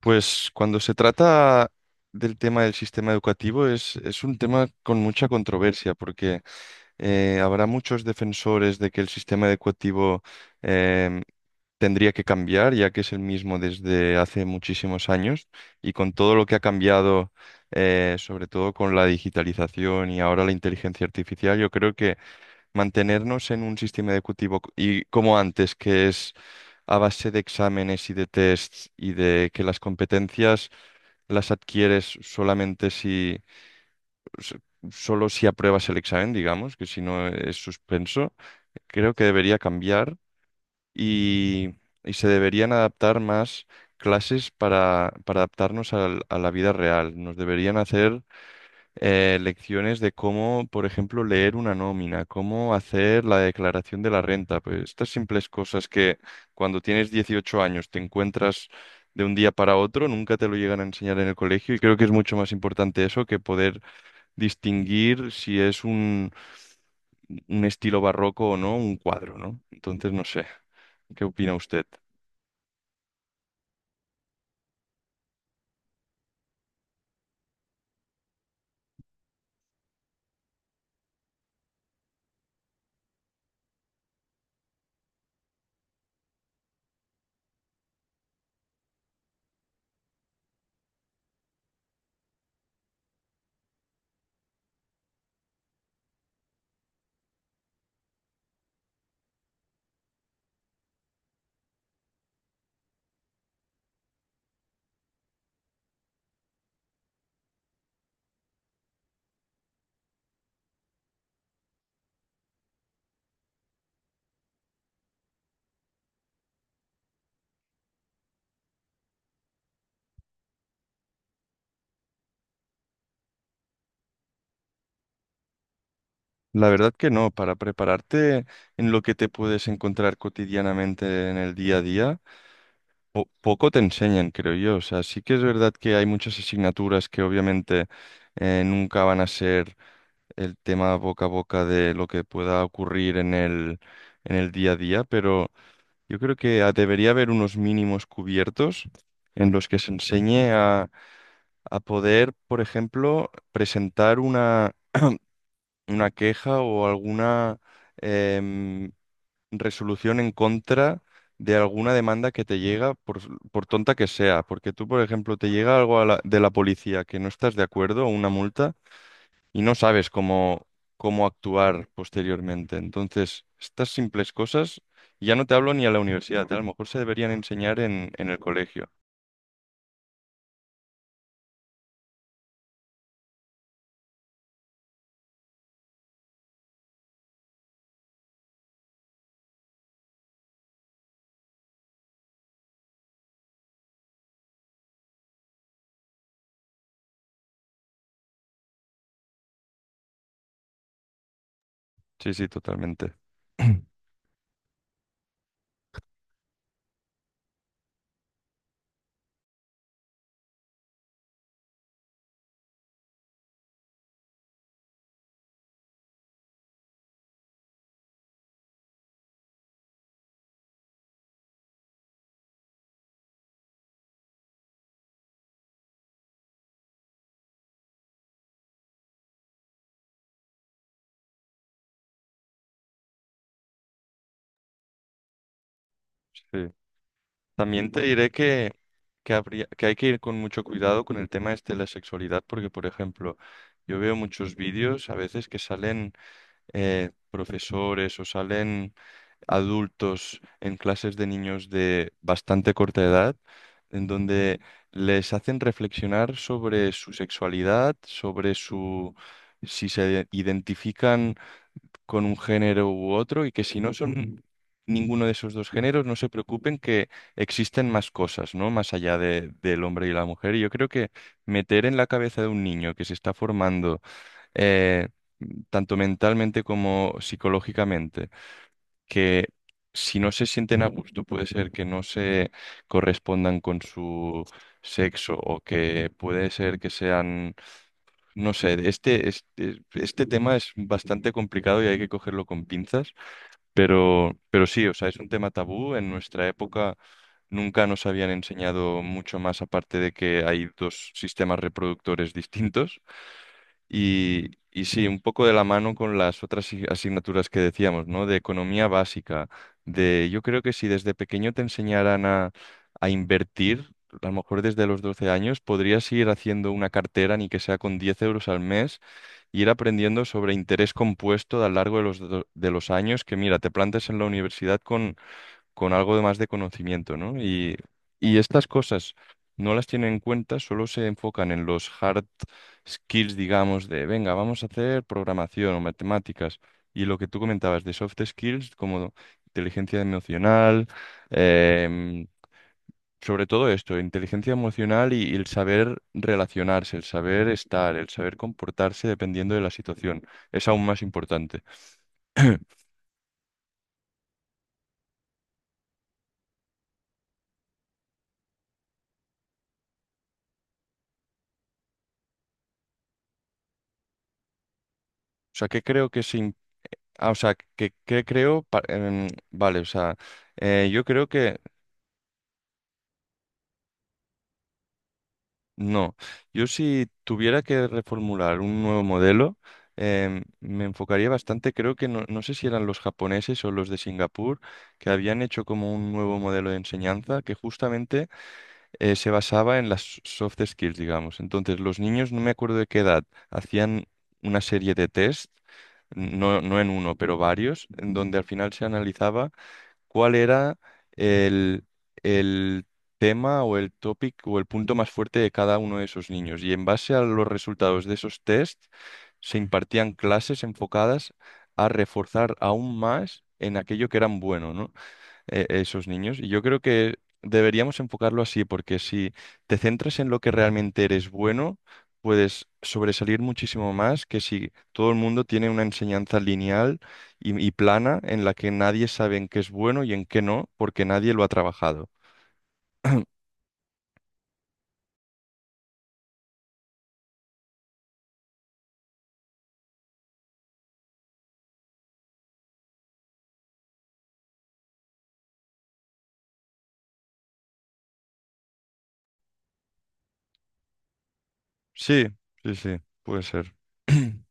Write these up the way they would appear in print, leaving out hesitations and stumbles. Pues cuando se trata del tema del sistema educativo es un tema con mucha controversia porque habrá muchos defensores de que el sistema educativo em, tendría que cambiar, ya que es el mismo desde hace muchísimos años y con todo lo que ha cambiado, sobre todo con la digitalización y ahora la inteligencia artificial, yo creo que mantenernos en un sistema educativo y como antes, que es a base de exámenes y de tests y de que las competencias las adquieres solamente s- solo si apruebas el examen, digamos, que si no es suspenso, creo que debería cambiar y, y se deberían adaptar más clases para adaptarnos a la vida real. Nos deberían hacer lecciones de cómo, por ejemplo, leer una nómina, cómo hacer la declaración de la renta. Pues estas simples cosas que cuando tienes 18 años te encuentras de un día para otro, nunca te lo llegan a enseñar en el colegio y creo que es mucho más importante eso que poder distinguir si es un estilo barroco o no, un cuadro, ¿no? Entonces, no sé, ¿qué opina usted? La verdad que no, para prepararte en lo que te puedes encontrar cotidianamente en el día a día. Poco te enseñan, creo yo. O sea, sí que es verdad que hay muchas asignaturas que obviamente nunca van a ser el tema boca a boca de lo que pueda ocurrir en el día a día, pero yo creo que debería haber unos mínimos cubiertos en los que se enseñe a poder, por ejemplo, presentar una queja o alguna... em, resolución en contra de alguna demanda que te llega, por tonta que sea. Porque tú, por ejemplo, te llega algo de la policía que no estás de acuerdo, o una multa, y no sabes cómo actuar posteriormente. Entonces, estas simples cosas, ya no te hablo ni a la universidad, ¿eh? A lo mejor se deberían enseñar en el colegio. Sí, sí, totalmente. Sí. También te diré que que hay que ir con mucho cuidado con el tema este de la sexualidad, porque, por ejemplo, yo veo muchos vídeos a veces que salen profesores o salen adultos en clases de niños de bastante corta edad, en donde les hacen reflexionar sobre su sexualidad, sobre su si se identifican con un género u otro y que si no son ninguno de esos dos géneros, no se preocupen que existen más cosas, ¿no? Más allá de, del hombre y la mujer. Y yo creo que meter en la cabeza de un niño que se está formando eh, tanto mentalmente como psicológicamente, que si no se sienten a gusto puede ser que no se correspondan con su sexo o que puede ser que sean, no sé, este tema es bastante complicado y hay que cogerlo con pinzas, pero sí, o sea, es un tema tabú. En nuestra época nunca nos habían enseñado mucho más aparte de que hay dos sistemas reproductores distintos. Y sí, un poco de la mano con las otras asignaturas que decíamos, ¿no? De economía básica, de yo creo que si desde pequeño te enseñaran a invertir, a lo mejor desde los 12 años, podrías ir haciendo una cartera, ni que sea con 10 euros al mes, y ir aprendiendo sobre interés compuesto a lo largo de los años, que mira, te plantes en la universidad con algo de más de conocimiento, ¿no? Y estas cosas no las tienen en cuenta, solo se enfocan en los hard skills, digamos, de, venga, vamos a hacer programación o matemáticas. Y lo que tú comentabas de soft skills, como inteligencia emocional, em, sobre todo esto, inteligencia emocional y el saber relacionarse, el saber estar, el saber comportarse dependiendo de la situación, es aún más importante. O sea, que creo que se Ah, o sea, que creo, vale, o sea, yo creo que no. Yo si tuviera que reformular un nuevo modelo, me enfocaría bastante, creo que no, no sé si eran los japoneses o los de Singapur, que habían hecho como un nuevo modelo de enseñanza que justamente se basaba en las soft skills, digamos. Entonces, los niños, no me acuerdo de qué edad, hacían una serie de test no, no en uno, pero varios, en donde al final se analizaba ¿cuál era el, el tema o el topic o el punto más fuerte de cada uno de esos niños? Y en base a los resultados de esos test, se impartían clases enfocadas a reforzar aún más en aquello que eran buenos, esos niños. Y yo creo que deberíamos enfocarlo así, porque si te centras en lo que realmente eres bueno, puedes sobresalir muchísimo más que si todo el mundo tiene una enseñanza lineal y plana en la que nadie sabe en qué es bueno y en qué no, porque nadie lo ha trabajado. Sí, sí, sí, puede ser.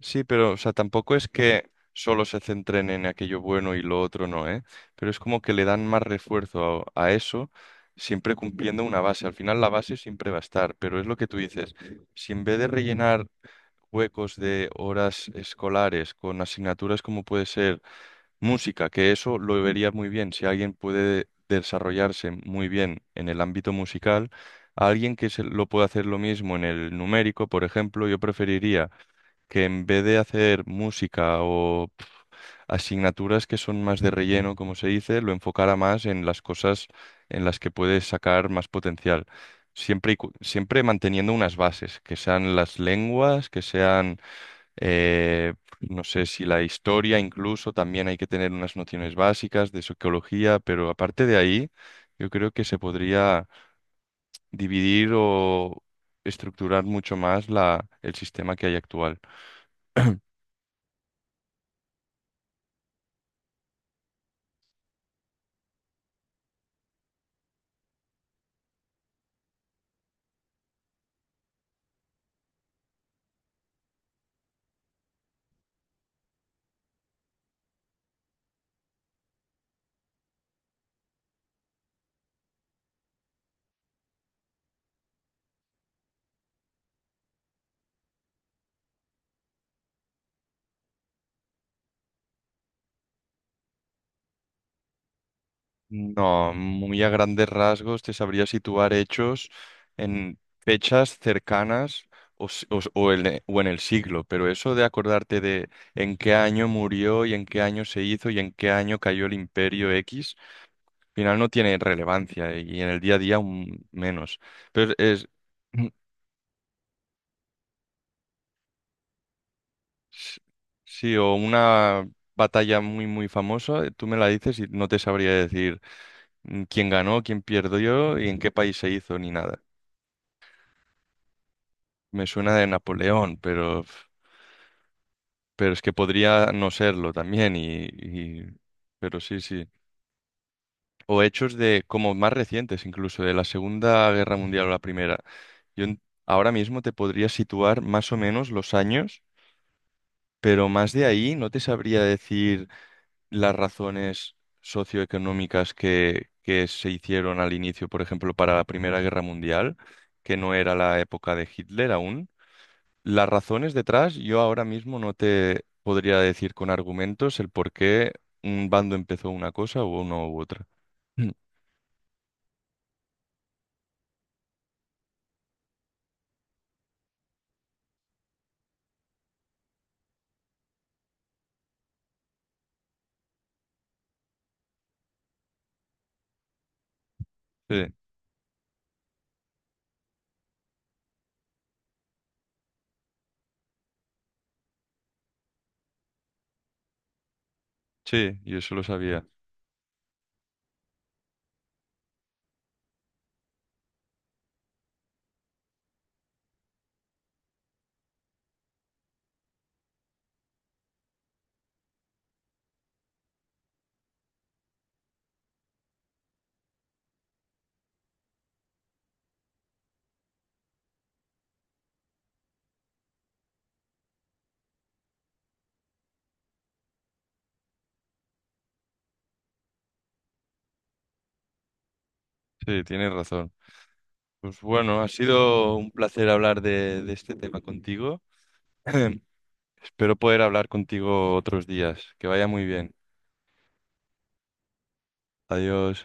Sí, pero, o sea, tampoco es que solo se centren en aquello bueno y lo otro no, ¿eh? Pero es como que le dan más refuerzo a eso, siempre cumpliendo una base. Al final la base siempre va a estar, pero es lo que tú dices. Si en vez de rellenar huecos de horas escolares con asignaturas como puede ser música, que eso lo vería muy bien, si alguien puede desarrollarse muy bien en el ámbito musical, a alguien que se lo pueda hacer lo mismo en el numérico, por ejemplo, yo preferiría que en vez de hacer música o pf, asignaturas que son más de relleno, como se dice, lo enfocara más en las cosas en las que puedes sacar más potencial. Siempre, siempre manteniendo unas bases, que sean las lenguas, que sean, eh, no sé si la historia incluso, también hay que tener unas nociones básicas de sociología, pero aparte de ahí, yo creo que se podría dividir o estructurar mucho más el sistema que hay actual. No, muy a grandes rasgos te sabría situar hechos en fechas cercanas o, si- o s- o en, e- o en el siglo, pero eso de acordarte de en qué año murió y en qué año se hizo y en qué año cayó el imperio X, al final no tiene relevancia y en el día a día aún menos. Pero es, s- sí, o una batalla muy, muy famosa, tú me la dices y no te sabría decir quién ganó, quién perdió y en qué país se hizo ni nada. Me suena de Napoleón, pero es que podría no serlo también, pero sí, sí. O hechos de como más recientes, incluso de la Segunda Guerra Mundial o la Primera. Ahora mismo te podría situar más o menos los años, pero más de ahí no te sabría decir las razones socioeconómicas que se hicieron al inicio, por ejemplo, para la Primera Guerra Mundial, que no era la época de Hitler aún. Las razones detrás, yo ahora mismo no te podría decir con argumentos el por qué un bando empezó una cosa u uno u otra. Mm. Sí, sí, yo eso lo sabía. Sí, tienes razón. Pues bueno, ha sido un placer hablar de este tema contigo. Espero poder hablar contigo otros días. Que vaya muy bien. Adiós.